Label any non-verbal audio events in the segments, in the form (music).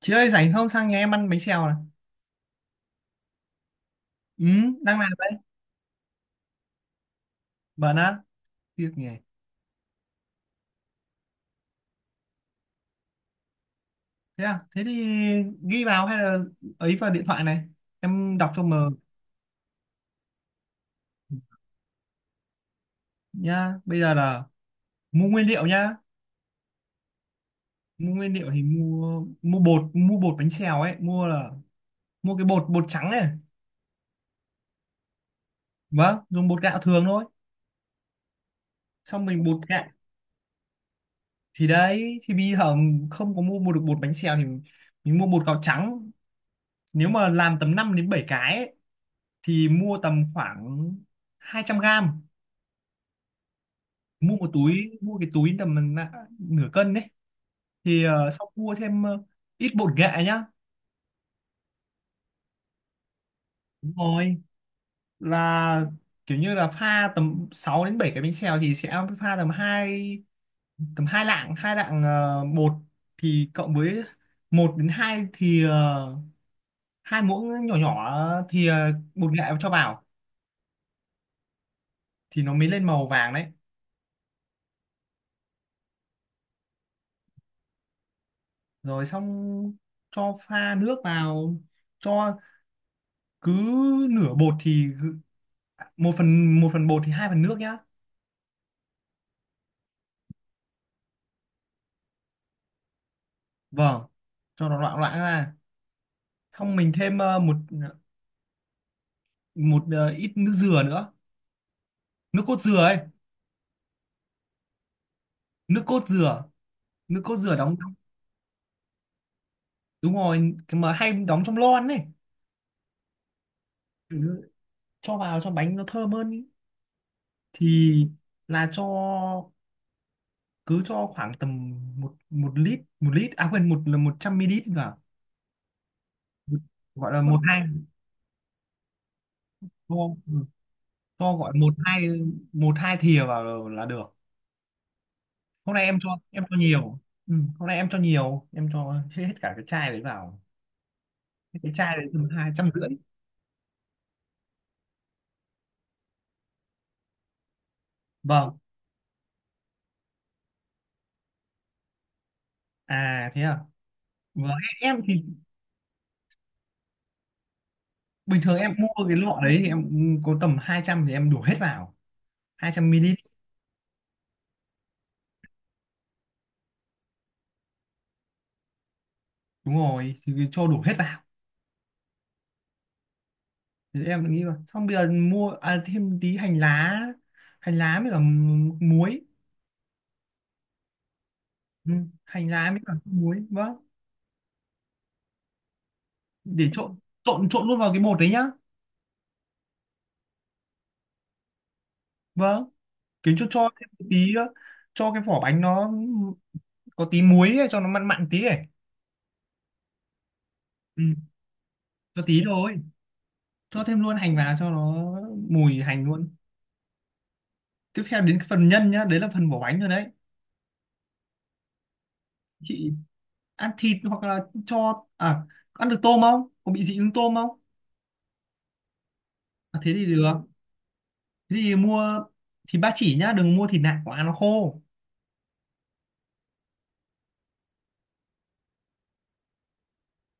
Chị ơi rảnh không sang nhà em ăn bánh xèo này. Ừ, đang làm đấy. Bận á, việc nhỉ. Thế à? Thế thì ghi vào hay là ấy vào điện thoại này. Em đọc cho mờ nhá. Bây giờ là mua nguyên liệu nhá. Mua nguyên liệu thì mua mua bột bánh xèo ấy, mua là mua cái bột bột trắng này. Vâng, dùng bột gạo thường thôi. Xong mình bột gạo thì đấy thì bây giờ không có mua mua được bột bánh xèo thì mình mua bột gạo trắng. Nếu mà làm tầm 5 đến 7 cái ấy, thì mua tầm khoảng 200 g mua một túi mua cái túi tầm nửa cân đấy thì xong mua thêm ít bột nghệ nhá. Đúng rồi, là kiểu như là pha tầm 6 đến 7 cái bánh xèo thì sẽ pha tầm hai tầm hai lạng bột thì cộng với một đến hai thì hai muỗng nhỏ nhỏ thì bột nghệ cho vào thì nó mới lên màu vàng đấy. Rồi xong cho pha nước vào, cho cứ nửa bột thì một phần bột thì hai phần nước nhá. Vâng, cho nó loãng loãng ra. Xong mình thêm một một ít nước dừa nữa, nước cốt dừa ấy. Nước cốt dừa, nước cốt dừa đóng. Đúng rồi, cái mà hay đóng trong lon ấy. Ừ, cho vào cho bánh nó thơm hơn ý. Thì là cho cứ cho khoảng tầm một một lít à quên một là 100 ml vào, gọi là một hai cho, cho gọi một hai thìa vào là được. Hôm nay em cho nhiều. Ừ, hôm nay em cho nhiều em cho hết, hết cả cái chai đấy vào. Hết cái chai đấy tầm 250. Vâng. À thế à. Vâng, em thì bình thường em mua cái lọ đấy thì em có tầm 200 thì em đổ hết vào, 200 ml. Đúng rồi, thì cho đổ hết vào. Thì em lại nghĩ là xong bây giờ mua, à, thêm tí hành lá, hành lá với cả muối. Ừ, hành lá với cả muối. Vâng, để trộn trộn trộn luôn vào cái bột đấy nhá. Vâng, kiếm cho thêm một tí cho cái vỏ bánh nó có tí muối ấy, cho nó mặn mặn tí ấy. Ừ, cho tí thôi, cho thêm luôn hành vào cho nó mùi hành luôn. Tiếp theo đến cái phần nhân nhá, đấy là phần vỏ bánh rồi đấy. Chị ăn thịt hoặc là cho, à, ăn được tôm không, có bị dị ứng tôm không? À, thế thì được. Thế thì mua thịt ba chỉ nhá, đừng mua thịt nạc của ăn nó khô.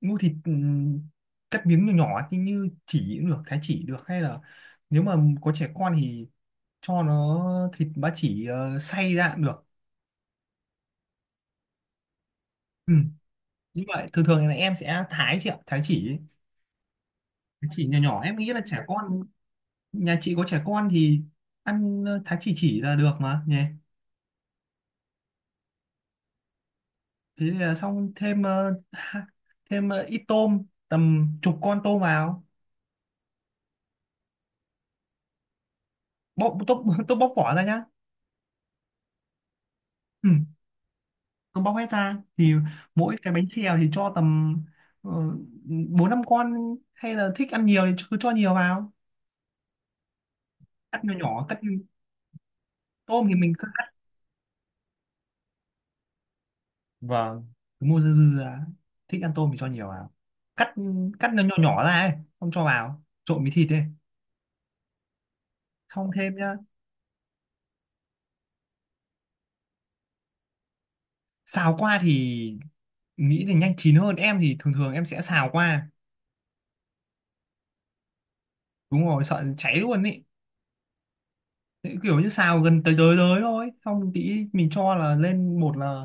Mua thịt cắt miếng nhỏ nhỏ như, như chỉ cũng được, thái chỉ được, hay là nếu mà có trẻ con thì cho nó thịt ba chỉ xay ra cũng được. Ừ, như vậy thường thường là em sẽ thái chị ạ, thái chỉ ấy. Thái chỉ nhỏ nhỏ em nghĩ là trẻ con, nhà chị có trẻ con thì ăn thái chỉ là được mà nhỉ. Thế là xong, thêm thêm ít tôm, tầm chục con tôm vào. Bóc tôm (laughs) tôm bóc vỏ ra nhá. Ừ, tôi bóc hết ra thì mỗi cái bánh xèo thì cho tầm ờ, bốn năm con, hay là thích ăn nhiều thì cứ cho nhiều vào. Cắt nhỏ nhỏ, cắt tôm thì mình, vâng, cứ mua dư dư ra, thích ăn tôm thì cho nhiều vào. Cắt, cắt nó nhỏ nhỏ ra ấy, không cho vào trộn với thịt ấy. Xong thêm nhá. Xào qua thì nghĩ thì nhanh chín hơn, em thì thường thường em sẽ xào qua. Đúng rồi, sợ cháy luôn ý. Thế kiểu như xào gần tới tới tới thôi, xong tí mình cho là lên bột là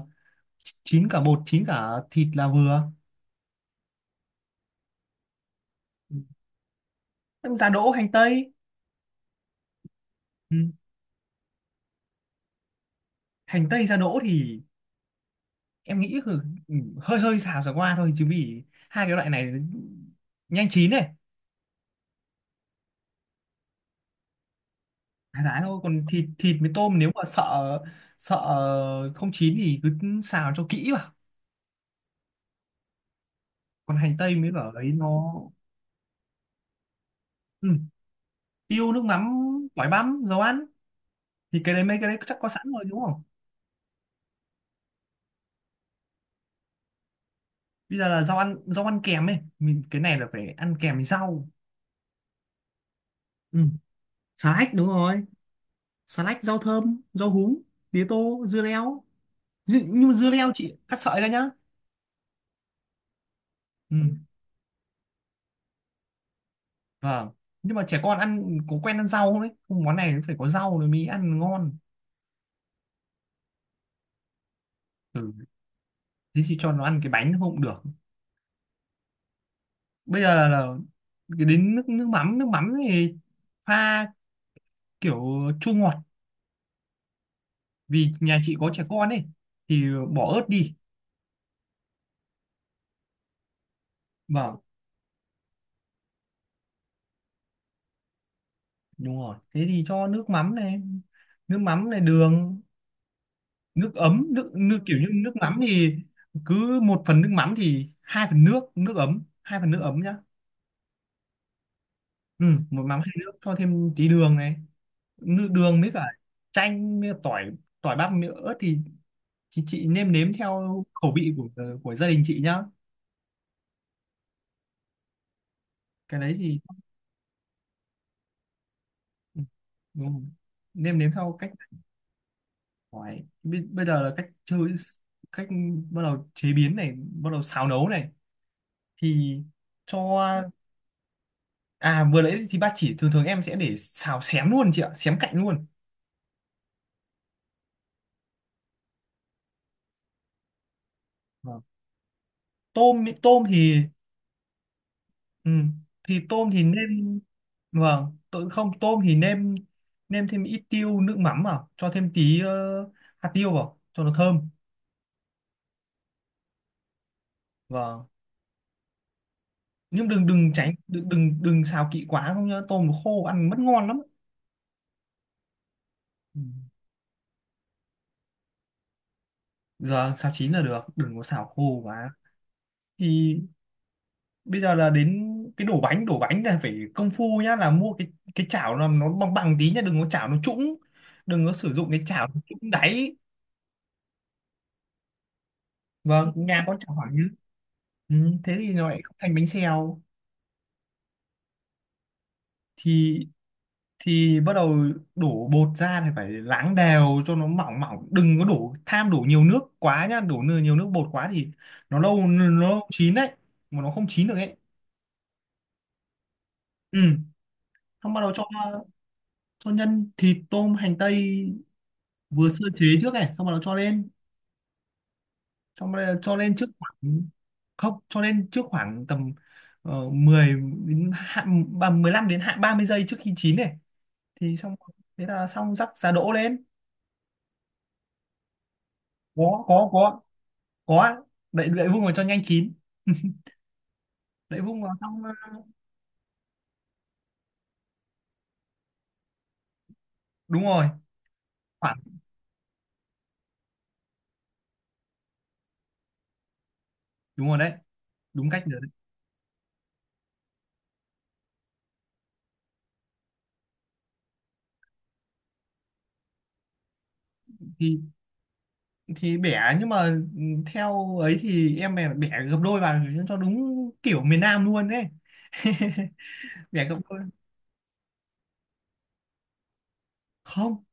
chín cả bột chín cả thịt là vừa. Em giá đỗ hành tây. Ừ, hành tây giá đỗ thì em nghĩ hơi hơi xào sả qua thôi chứ vì hai cái loại này nhanh chín này. Thái thái thôi, còn thịt thịt với tôm nếu mà sợ, sợ không chín thì cứ xào cho kỹ vào. Còn hành tây mới bảo ấy nó, ừ, tiêu nước mắm, tỏi băm dầu ăn thì cái đấy mấy cái đấy chắc có sẵn rồi đúng không. Bây giờ là rau ăn, rau ăn kèm ấy, mình cái này là phải ăn kèm với rau. Ừ, xà lách đúng rồi, xà lách, rau thơm, rau húng, tía tô, dưa leo. Nhưng mà dưa leo chị cắt sợi ra nhá. Ừ. Vâng. Nhưng mà trẻ con ăn có quen ăn rau không đấy? Không, món này nó phải có rau rồi mới ăn ngon. Ừ. Thế thì cho nó ăn cái bánh không cũng được. Bây giờ là cái đến nước, nước mắm thì pha kiểu chua ngọt vì nhà chị có trẻ con ấy thì bỏ ớt đi. Vâng, đúng rồi. Thế thì cho nước mắm này đường, nước ấm, nước, nước kiểu như nước mắm thì cứ một phần nước mắm thì hai phần nước, nước ấm, hai phần nước ấm nhá. Ừ, một mắm hai nước, cho thêm tí đường này, nữ đường với cả chanh với cả tỏi, tỏi bắp nữa thì chị nêm nếm theo khẩu vị của gia đình chị nhá. Cái đấy thì, ừ, đúng rồi. Nêm nếm theo cách tỏi bây, bây giờ là cách chơi, cách bắt đầu chế biến này, bắt đầu xào nấu này thì cho. À vừa nãy thì bác chỉ thường thường em sẽ để xào xém luôn chị ạ, xém cạnh luôn. Vâng, tôm ý, tôm thì. Ừ. Thì tôm thì nên, vâng, tôi không tôm thì nêm, nêm thêm ít tiêu nước mắm vào, cho thêm tí hạt tiêu vào cho nó thơm. Vâng. Nhưng đừng đừng tránh đừng đừng đừng xào kỹ quá không nhá, tôm nó khô ăn mất ngon lắm. Ừ. Giờ xào chín là được, đừng có xào khô quá. Thì bây giờ là đến cái đổ bánh là phải công phu nhá, là mua cái chảo là nó bằng bằng tí nhá, đừng có chảo nó trũng, đừng có sử dụng cái chảo trũng đáy. Vâng, nhà có chảo phẳng nhá. Ừ, thế thì nó lại không thành bánh xèo. Thì bắt đầu đổ bột ra thì phải láng đều cho nó mỏng mỏng, đừng có đổ tham đổ nhiều nước quá nhá, đổ nhiều nước bột quá thì nó lâu chín đấy mà nó không chín được ấy. Ừ, xong bắt đầu cho nhân thịt tôm hành tây vừa sơ chế trước này xong bắt đầu cho lên. Xong bắt đầu cho lên trước khoảng, không cho lên trước khoảng tầm 10 đến hạ, 15 đến hạ 30 giây trước khi chín này thì xong thế là xong rắc giá đỗ lên. có có có có đậy, đậy vung vào cho nhanh chín. (laughs) Đậy vung vào xong đúng rồi, khoảng, đúng rồi đấy, đúng cách nữa đấy. Thì bẻ nhưng mà, ừ, theo ấy thì em bẻ, bẻ gấp đôi vào cho đúng kiểu miền Nam luôn đấy. (laughs) Bẻ gấp đôi. Không,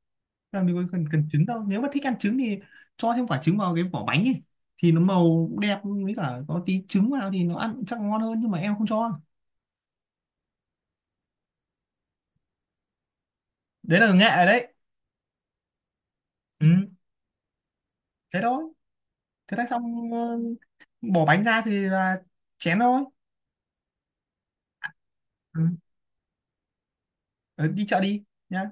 làm gì có cần, cần trứng đâu, nếu mà thích ăn trứng thì cho thêm quả trứng vào cái vỏ bánh ấy thì nó màu đẹp, với cả có tí trứng vào thì nó ăn chắc ngon hơn, nhưng mà em không cho. Đấy là nghệ rồi đấy. Ừ, thế thôi, thế là xong. Ờ, Bỏ bánh ra thì là chén thôi. Ừ. Ờ, đi chợ đi nhá.